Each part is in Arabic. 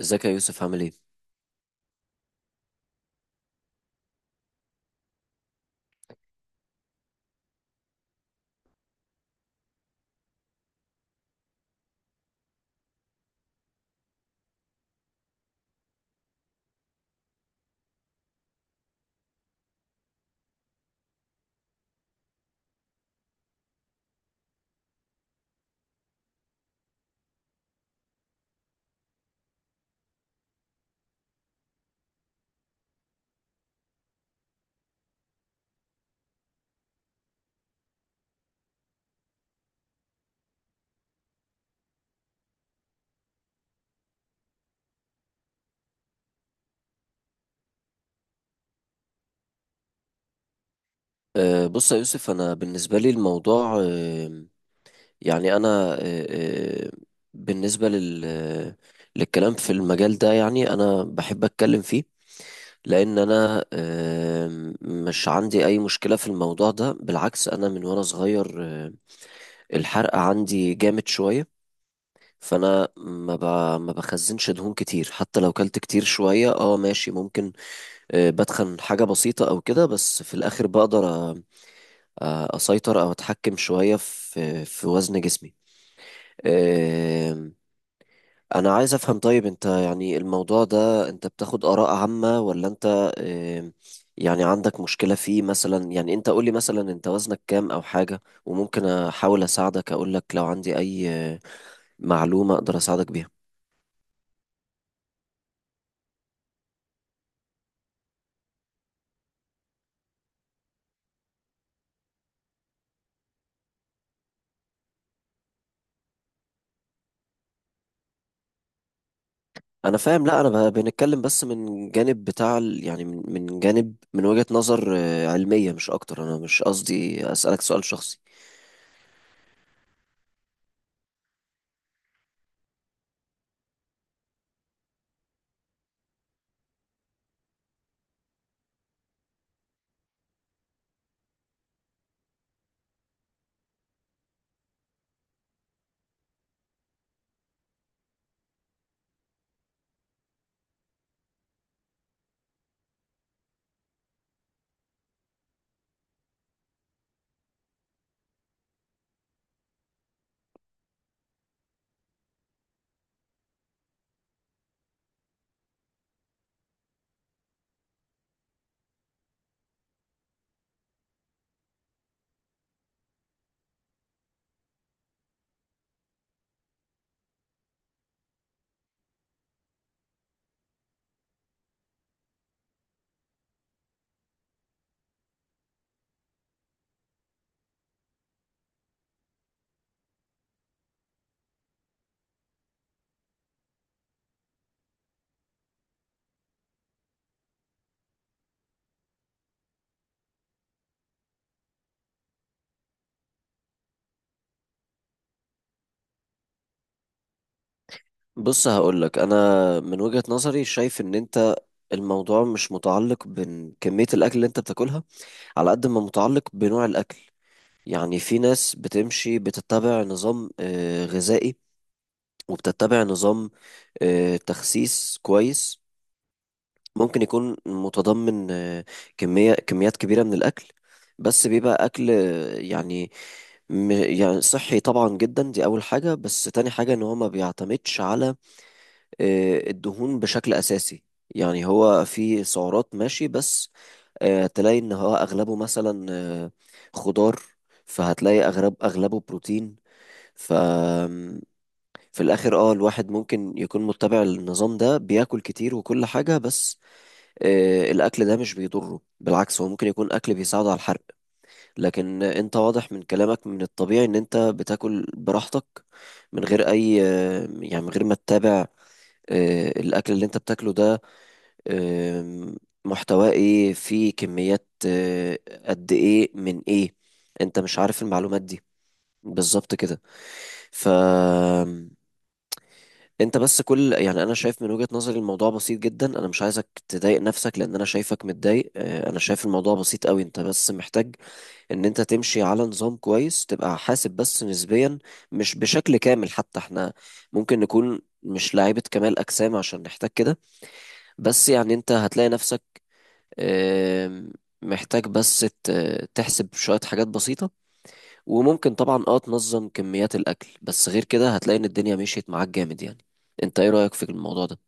ازيك يا يوسف عامل ايه؟ بص يا يوسف، انا بالنسبه لي الموضوع أه يعني انا أه أه بالنسبه لل آه، للكلام في المجال ده. يعني انا بحب اتكلم فيه لان انا مش عندي اي مشكله في الموضوع ده، بالعكس انا من وانا صغير أه الحرق عندي جامد شويه. فانا ما ب... ما بخزنش دهون كتير حتى لو كلت كتير شويه، اه ماشي، ممكن بدخن حاجه بسيطه او كده، بس في الاخر بقدر اسيطر او اتحكم شويه في وزن جسمي. آم، انا عايز افهم، طيب انت يعني الموضوع ده انت بتاخد اراء عامه ولا انت آم، يعني عندك مشكله فيه مثلا؟ يعني انت قولي مثلا انت وزنك كام او حاجه، وممكن احاول اساعدك، اقول لك لو عندي اي معلومه اقدر اساعدك بيها. انا فاهم، لا انا بنتكلم بس من جانب بتاع يعني من جانب، من وجهة نظر علمية مش اكتر، انا مش قصدي اسالك سؤال شخصي. بص هقولك انا من وجهة نظري شايف ان انت الموضوع مش متعلق بكمية الاكل اللي انت بتاكلها على قد ما متعلق بنوع الاكل. يعني في ناس بتمشي بتتبع نظام غذائي وبتتبع نظام تخسيس كويس، ممكن يكون متضمن كميات كبيرة من الاكل، بس بيبقى اكل يعني صحي طبعا، جدا دي اول حاجة. بس تاني حاجة ان هو ما بيعتمدش على الدهون بشكل أساسي. يعني هو في سعرات ماشي، بس تلاقي إن هو أغلبه مثلا خضار، فهتلاقي أغلبه بروتين. ف في الآخر اه الواحد ممكن يكون متبع النظام ده، بياكل كتير وكل حاجة، بس الأكل ده مش بيضره، بالعكس هو ممكن يكون أكل بيساعده على الحرق. لكن أنت واضح من كلامك من الطبيعي إن أنت بتاكل براحتك من غير أي يعني من غير ما تتابع الأكل اللي أنت بتاكله ده آم، محتواه ايه، فيه كميات قد ايه من ايه. انت مش عارف المعلومات دي بالظبط كده. ف انت بس كل، يعني انا شايف من وجهة نظري الموضوع بسيط جدا، انا مش عايزك تضايق نفسك لان انا شايفك متضايق. انا شايف الموضوع بسيط قوي، انت بس محتاج ان انت تمشي على نظام كويس، تبقى حاسب بس نسبيا، مش بشكل كامل. حتى احنا ممكن نكون مش لاعيبة كمال اجسام عشان نحتاج كده، بس يعني انت هتلاقي نفسك آم، محتاج بس تحسب شوية حاجات بسيطة، وممكن طبعا اه تنظم كميات الأكل. بس غير كده هتلاقي إن الدنيا مشيت معاك جامد يعني. انت ايه رأيك في الموضوع ده؟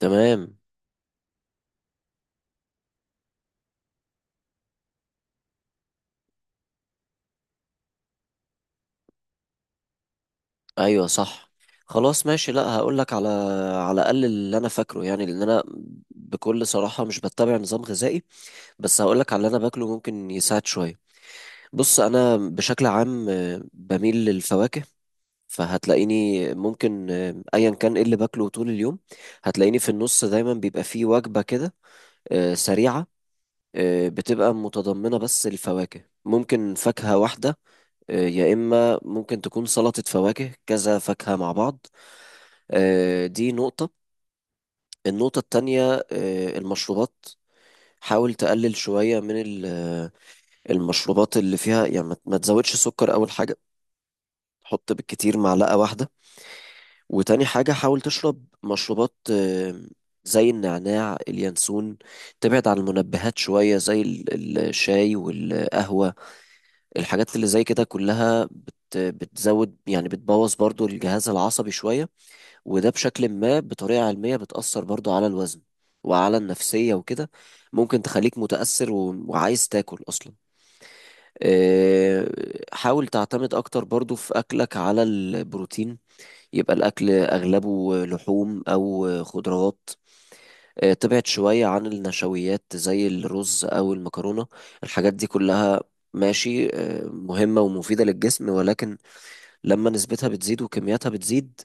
تمام. ايوه صح، خلاص ماشي، لا هقولك على على الأقل اللي أنا فاكره، يعني لأن أنا بكل صراحة مش بتبع نظام غذائي، بس هقولك على اللي أنا باكله ممكن يساعد شوية. بص أنا بشكل عام بميل للفواكه، فهتلاقيني ممكن ايا كان ايه اللي باكله طول اليوم، هتلاقيني في النص دايما بيبقى فيه وجبة كده سريعة بتبقى متضمنة بس الفواكه، ممكن فاكهة واحدة يا إما ممكن تكون سلطة فواكه، كذا فاكهة مع بعض. دي نقطة. النقطة التانية المشروبات، حاول تقلل شوية من المشروبات اللي فيها، يعني ما تزودش سكر أول حاجة، حط بالكتير معلقة واحدة. وتاني حاجة حاول تشرب مشروبات زي النعناع، اليانسون، تبعد عن المنبهات شوية زي الشاي والقهوة. الحاجات اللي زي كده كلها بتزود، يعني بتبوظ برضو الجهاز العصبي شوية، وده بشكل ما بطريقة علمية بتأثر برضو على الوزن وعلى النفسية وكده، ممكن تخليك متأثر وعايز تاكل أصلا. آه، حاول تعتمد أكتر برضو في أكلك على البروتين، يبقى الأكل أغلبه لحوم أو خضروات. تبعد شوية عن النشويات زي الرز أو المكرونة، الحاجات دي كلها ماشي مهمة ومفيدة للجسم، ولكن لما نسبتها بتزيد وكمياتها بتزيد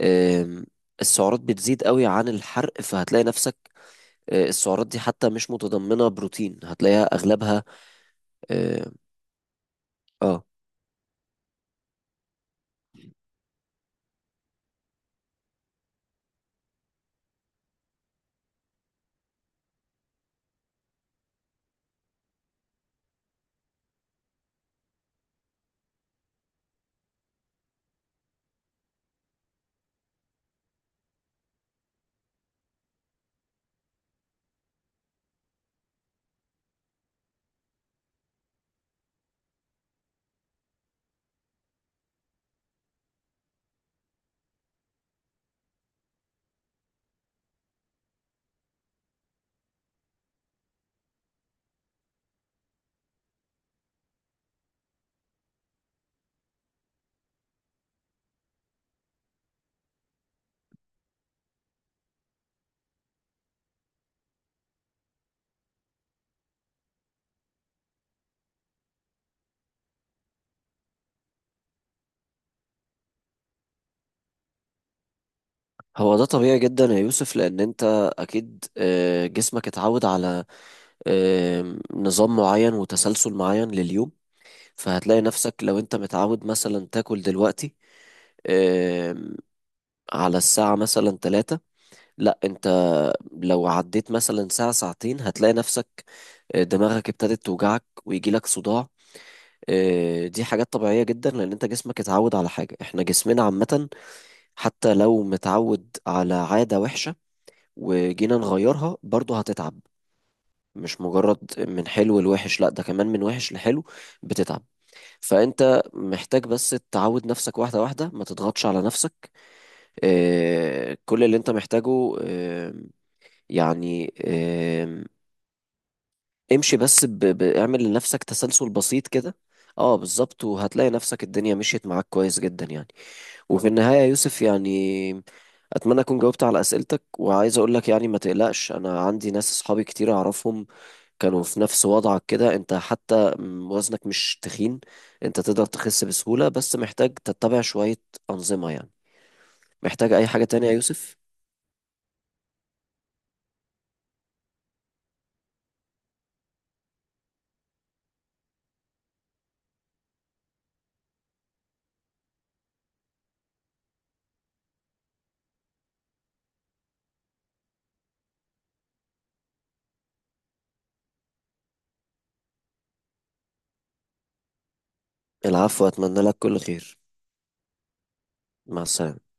آم، السعرات بتزيد قوي عن الحرق، فهتلاقي نفسك السعرات دي حتى مش متضمنة بروتين، هتلاقيها أغلبها. اه. آه. هو ده طبيعي جدا يا يوسف، لأن أنت أكيد جسمك اتعود على نظام معين وتسلسل معين لليوم، فهتلاقي نفسك لو انت متعود مثلا تاكل دلوقتي آم، على الساعة مثلا تلاتة، لا انت لو عديت مثلا ساعة ساعتين هتلاقي نفسك دماغك ابتدت توجعك ويجيلك صداع. دي حاجات طبيعية جدا، لأن أنت جسمك اتعود على حاجة. احنا جسمنا عامة حتى لو متعود على عادة وحشة، وجينا نغيرها برضه هتتعب، مش مجرد من حلو لوحش، لا ده كمان من وحش لحلو بتتعب. فانت محتاج بس تعود نفسك واحده واحده، ما تضغطش على نفسك. كل اللي انت محتاجه يعني آه، امشي بس اعمل لنفسك تسلسل بسيط كده. اه بالظبط، وهتلاقي نفسك الدنيا مشيت معاك كويس جدا يعني. وفي النهايه يا يوسف، يعني اتمنى اكون جاوبت على اسئلتك، وعايز اقول لك يعني ما تقلقش، انا عندي ناس اصحابي كتير اعرفهم كانوا في نفس وضعك كده، انت حتى وزنك مش تخين، انت تقدر تخس بسهولة، بس محتاج تتبع شوية أنظمة يعني. محتاج أي حاجة تانية يا يوسف؟ العفو، أتمنى لك كل خير. مع السلامة.